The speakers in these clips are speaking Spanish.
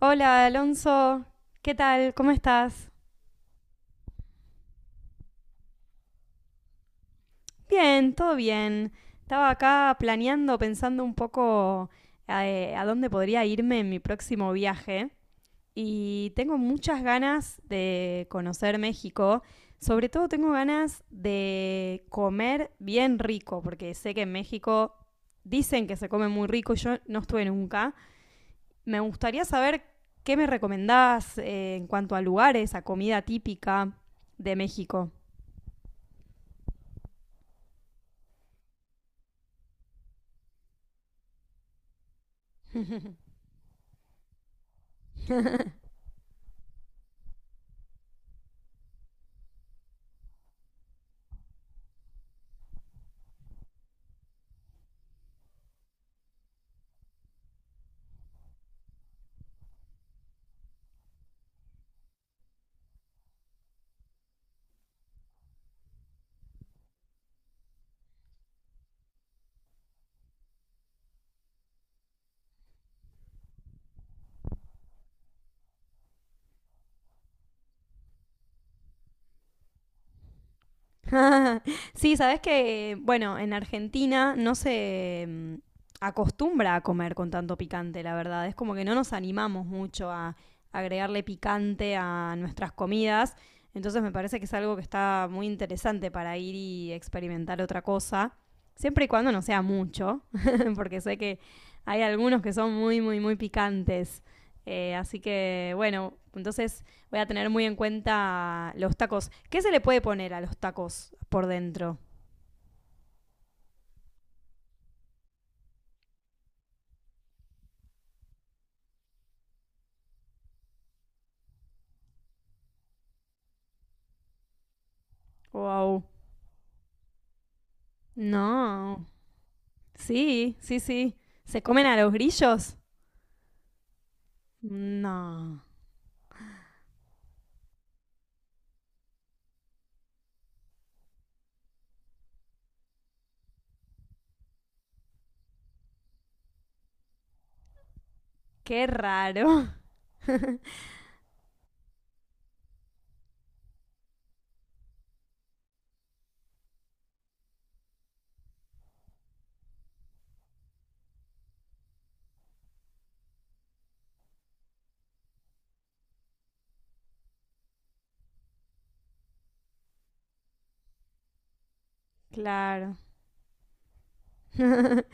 Hola Alonso, ¿qué tal? ¿Cómo estás? Bien, todo bien. Estaba acá planeando, pensando un poco a dónde podría irme en mi próximo viaje y tengo muchas ganas de conocer México. Sobre todo tengo ganas de comer bien rico, porque sé que en México dicen que se come muy rico y yo no estuve nunca. Me gustaría saber qué me recomendás, en cuanto a lugares, a comida típica de México. Sí, sabes que, bueno, en Argentina no se acostumbra a comer con tanto picante, la verdad. Es como que no nos animamos mucho a agregarle picante a nuestras comidas. Entonces me parece que es algo que está muy interesante para ir y experimentar otra cosa. Siempre y cuando no sea mucho, porque sé que hay algunos que son muy, muy, muy picantes. Así que, bueno, entonces voy a tener muy en cuenta los tacos. ¿Qué se le puede poner a los tacos por dentro? Wow. No. Sí, sí, sí. ¿Se comen a los grillos? No. Qué raro. Claro.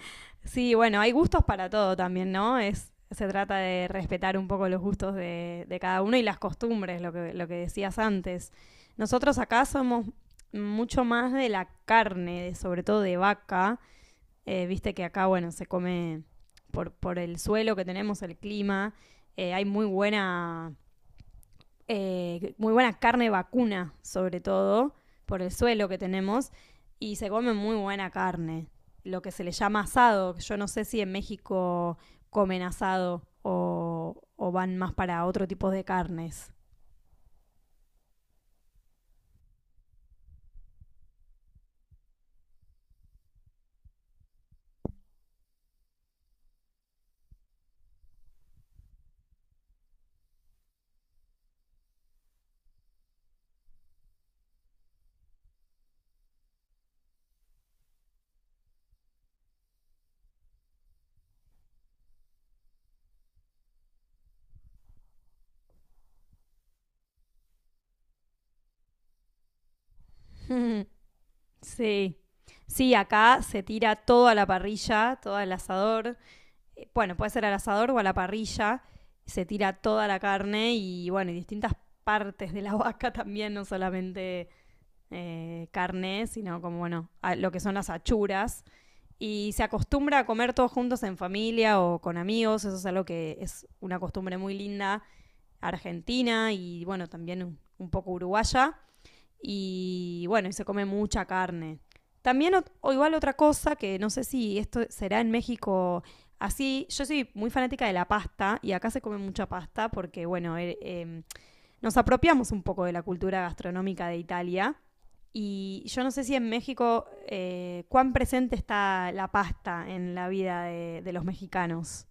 Sí, bueno, hay gustos para todo también, ¿no? Es, se trata de respetar un poco los gustos de cada uno y las costumbres, lo que decías antes. Nosotros acá somos mucho más de la carne, sobre todo de vaca. Viste que acá, bueno, se come por el suelo que tenemos, el clima. Hay muy buena carne vacuna, sobre todo, por el suelo que tenemos. Y se come muy buena carne. Lo que se le llama asado. Yo no sé si en México comen asado o van más para otro tipo de carnes. Sí. Sí, acá se tira todo a la parrilla, todo al asador, bueno, puede ser al asador o a la parrilla, se tira toda la carne y bueno, y distintas partes de la vaca también, no solamente carne, sino como bueno, lo que son las achuras. Y se acostumbra a comer todos juntos en familia o con amigos, eso es algo que es una costumbre muy linda argentina y bueno, también un poco uruguaya. Y bueno, y se come mucha carne. También, o igual otra cosa que no sé si esto será en México así. Yo soy muy fanática de la pasta y acá se come mucha pasta porque, bueno, nos apropiamos un poco de la cultura gastronómica de Italia. Y yo no sé si en México, cuán presente está la pasta en la vida de los mexicanos.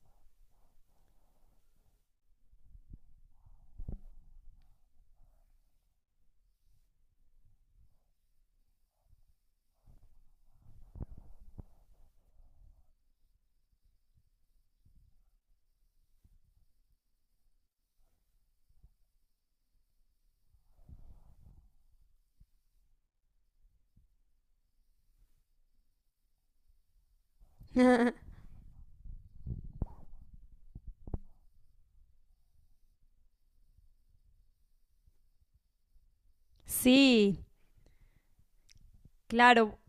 Sí, claro.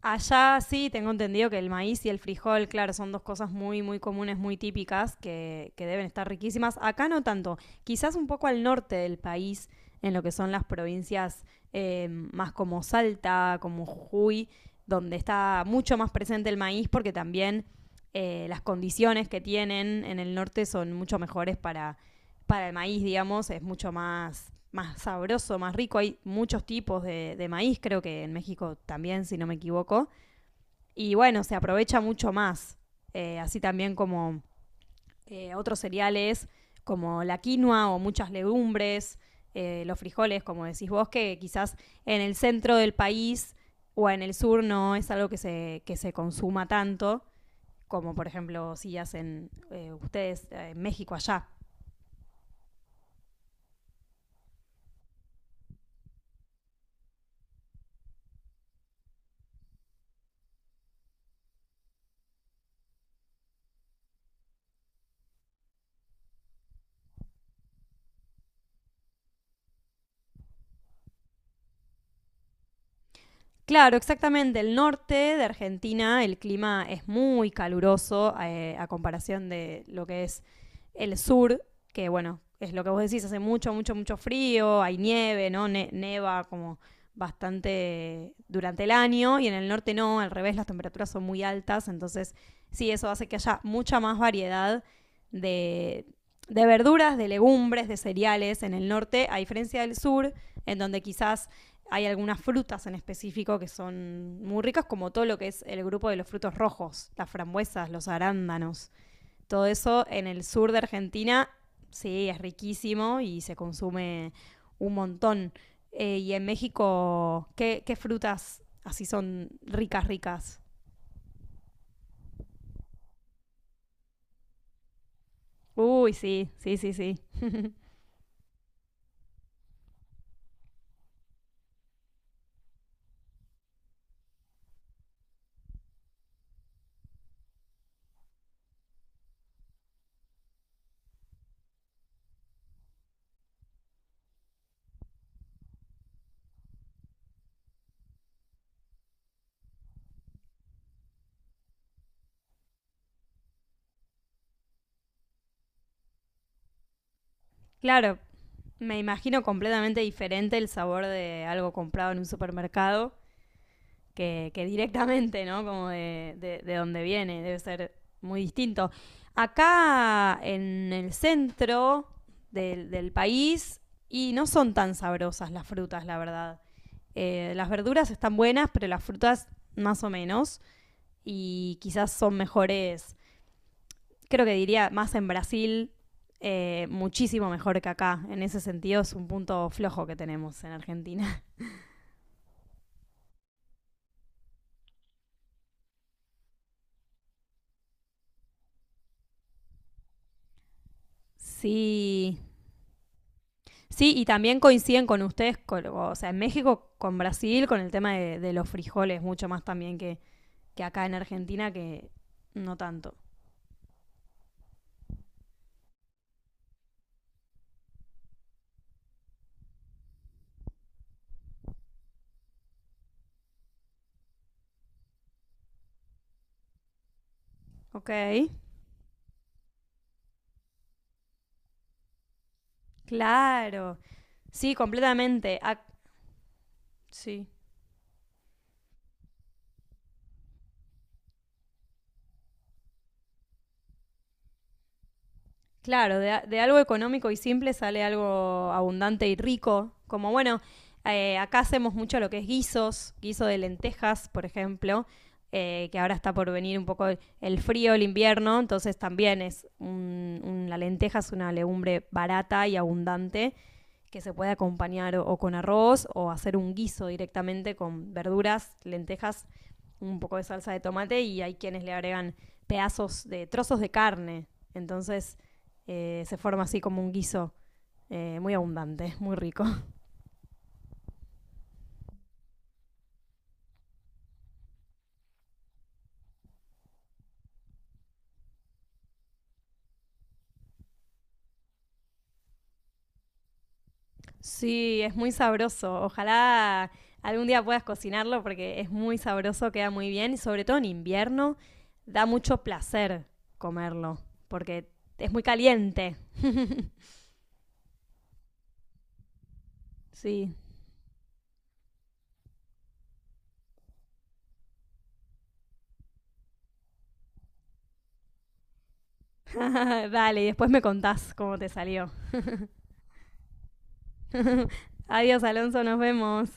Allá sí tengo entendido que el maíz y el frijol, claro, son dos cosas muy, muy comunes, muy típicas, que deben estar riquísimas. Acá no tanto, quizás un poco al norte del país, en lo que son las provincias, más como Salta, como Jujuy, donde está mucho más presente el maíz, porque también, las condiciones que tienen en el norte son mucho mejores para el maíz, digamos, es mucho más más sabroso, más rico. Hay muchos tipos de maíz, creo que en México también, si no me equivoco. Y bueno, se aprovecha mucho más. Así también como otros cereales como la quinoa o muchas legumbres, los frijoles, como decís vos, que quizás en el centro del país o en el sur no es algo que se consuma tanto, como por ejemplo si hacen, ustedes, en México allá. Claro, exactamente. El norte de Argentina, el clima es muy caluroso, a comparación de lo que es el sur, que bueno, es lo que vos decís, hace mucho, mucho, mucho frío, hay nieve, ¿no? Neva como bastante durante el año y en el norte no, al revés, las temperaturas son muy altas, entonces sí, eso hace que haya mucha más variedad de, de verduras, de legumbres, de cereales en el norte, a diferencia del sur, en donde quizás hay algunas frutas en específico que son muy ricas, como todo lo que es el grupo de los frutos rojos, las frambuesas, los arándanos. Todo eso en el sur de Argentina, sí, es riquísimo y se consume un montón. Y en México, ¿qué, ¿qué frutas así son ricas, ricas? Uy, sí, sí, sí, sí. Claro, me imagino completamente diferente el sabor de algo comprado en un supermercado que directamente, ¿no? Como de donde viene, debe ser muy distinto. Acá en el centro del país, y no son tan sabrosas las frutas, la verdad. Las verduras están buenas, pero las frutas más o menos, y quizás son mejores, creo que diría más en Brasil, muchísimo mejor que acá. En ese sentido es un punto flojo que tenemos en Argentina. Sí. Sí, y también coinciden con ustedes, o sea, en México con Brasil, con el tema de los frijoles, mucho más también que acá en Argentina, que no tanto. Ok, claro. Sí, completamente. Sí. Claro, de algo económico y simple sale algo abundante y rico. Como bueno, acá hacemos mucho lo que es guisos, guiso de lentejas, por ejemplo, que ahora está por venir un poco el frío, el invierno, entonces también es la lenteja es una legumbre barata y abundante que se puede acompañar o con arroz o hacer un guiso directamente con verduras, lentejas, un poco de salsa de tomate y hay quienes le agregan pedazos de trozos de carne. Entonces, se forma así como un guiso, muy abundante, muy rico. Sí, es muy sabroso. Ojalá algún día puedas cocinarlo porque es muy sabroso, queda muy bien y sobre todo en invierno da mucho placer comerlo porque es muy caliente. Sí. Dale, y después me contás cómo te salió. Adiós, Alonso, nos vemos.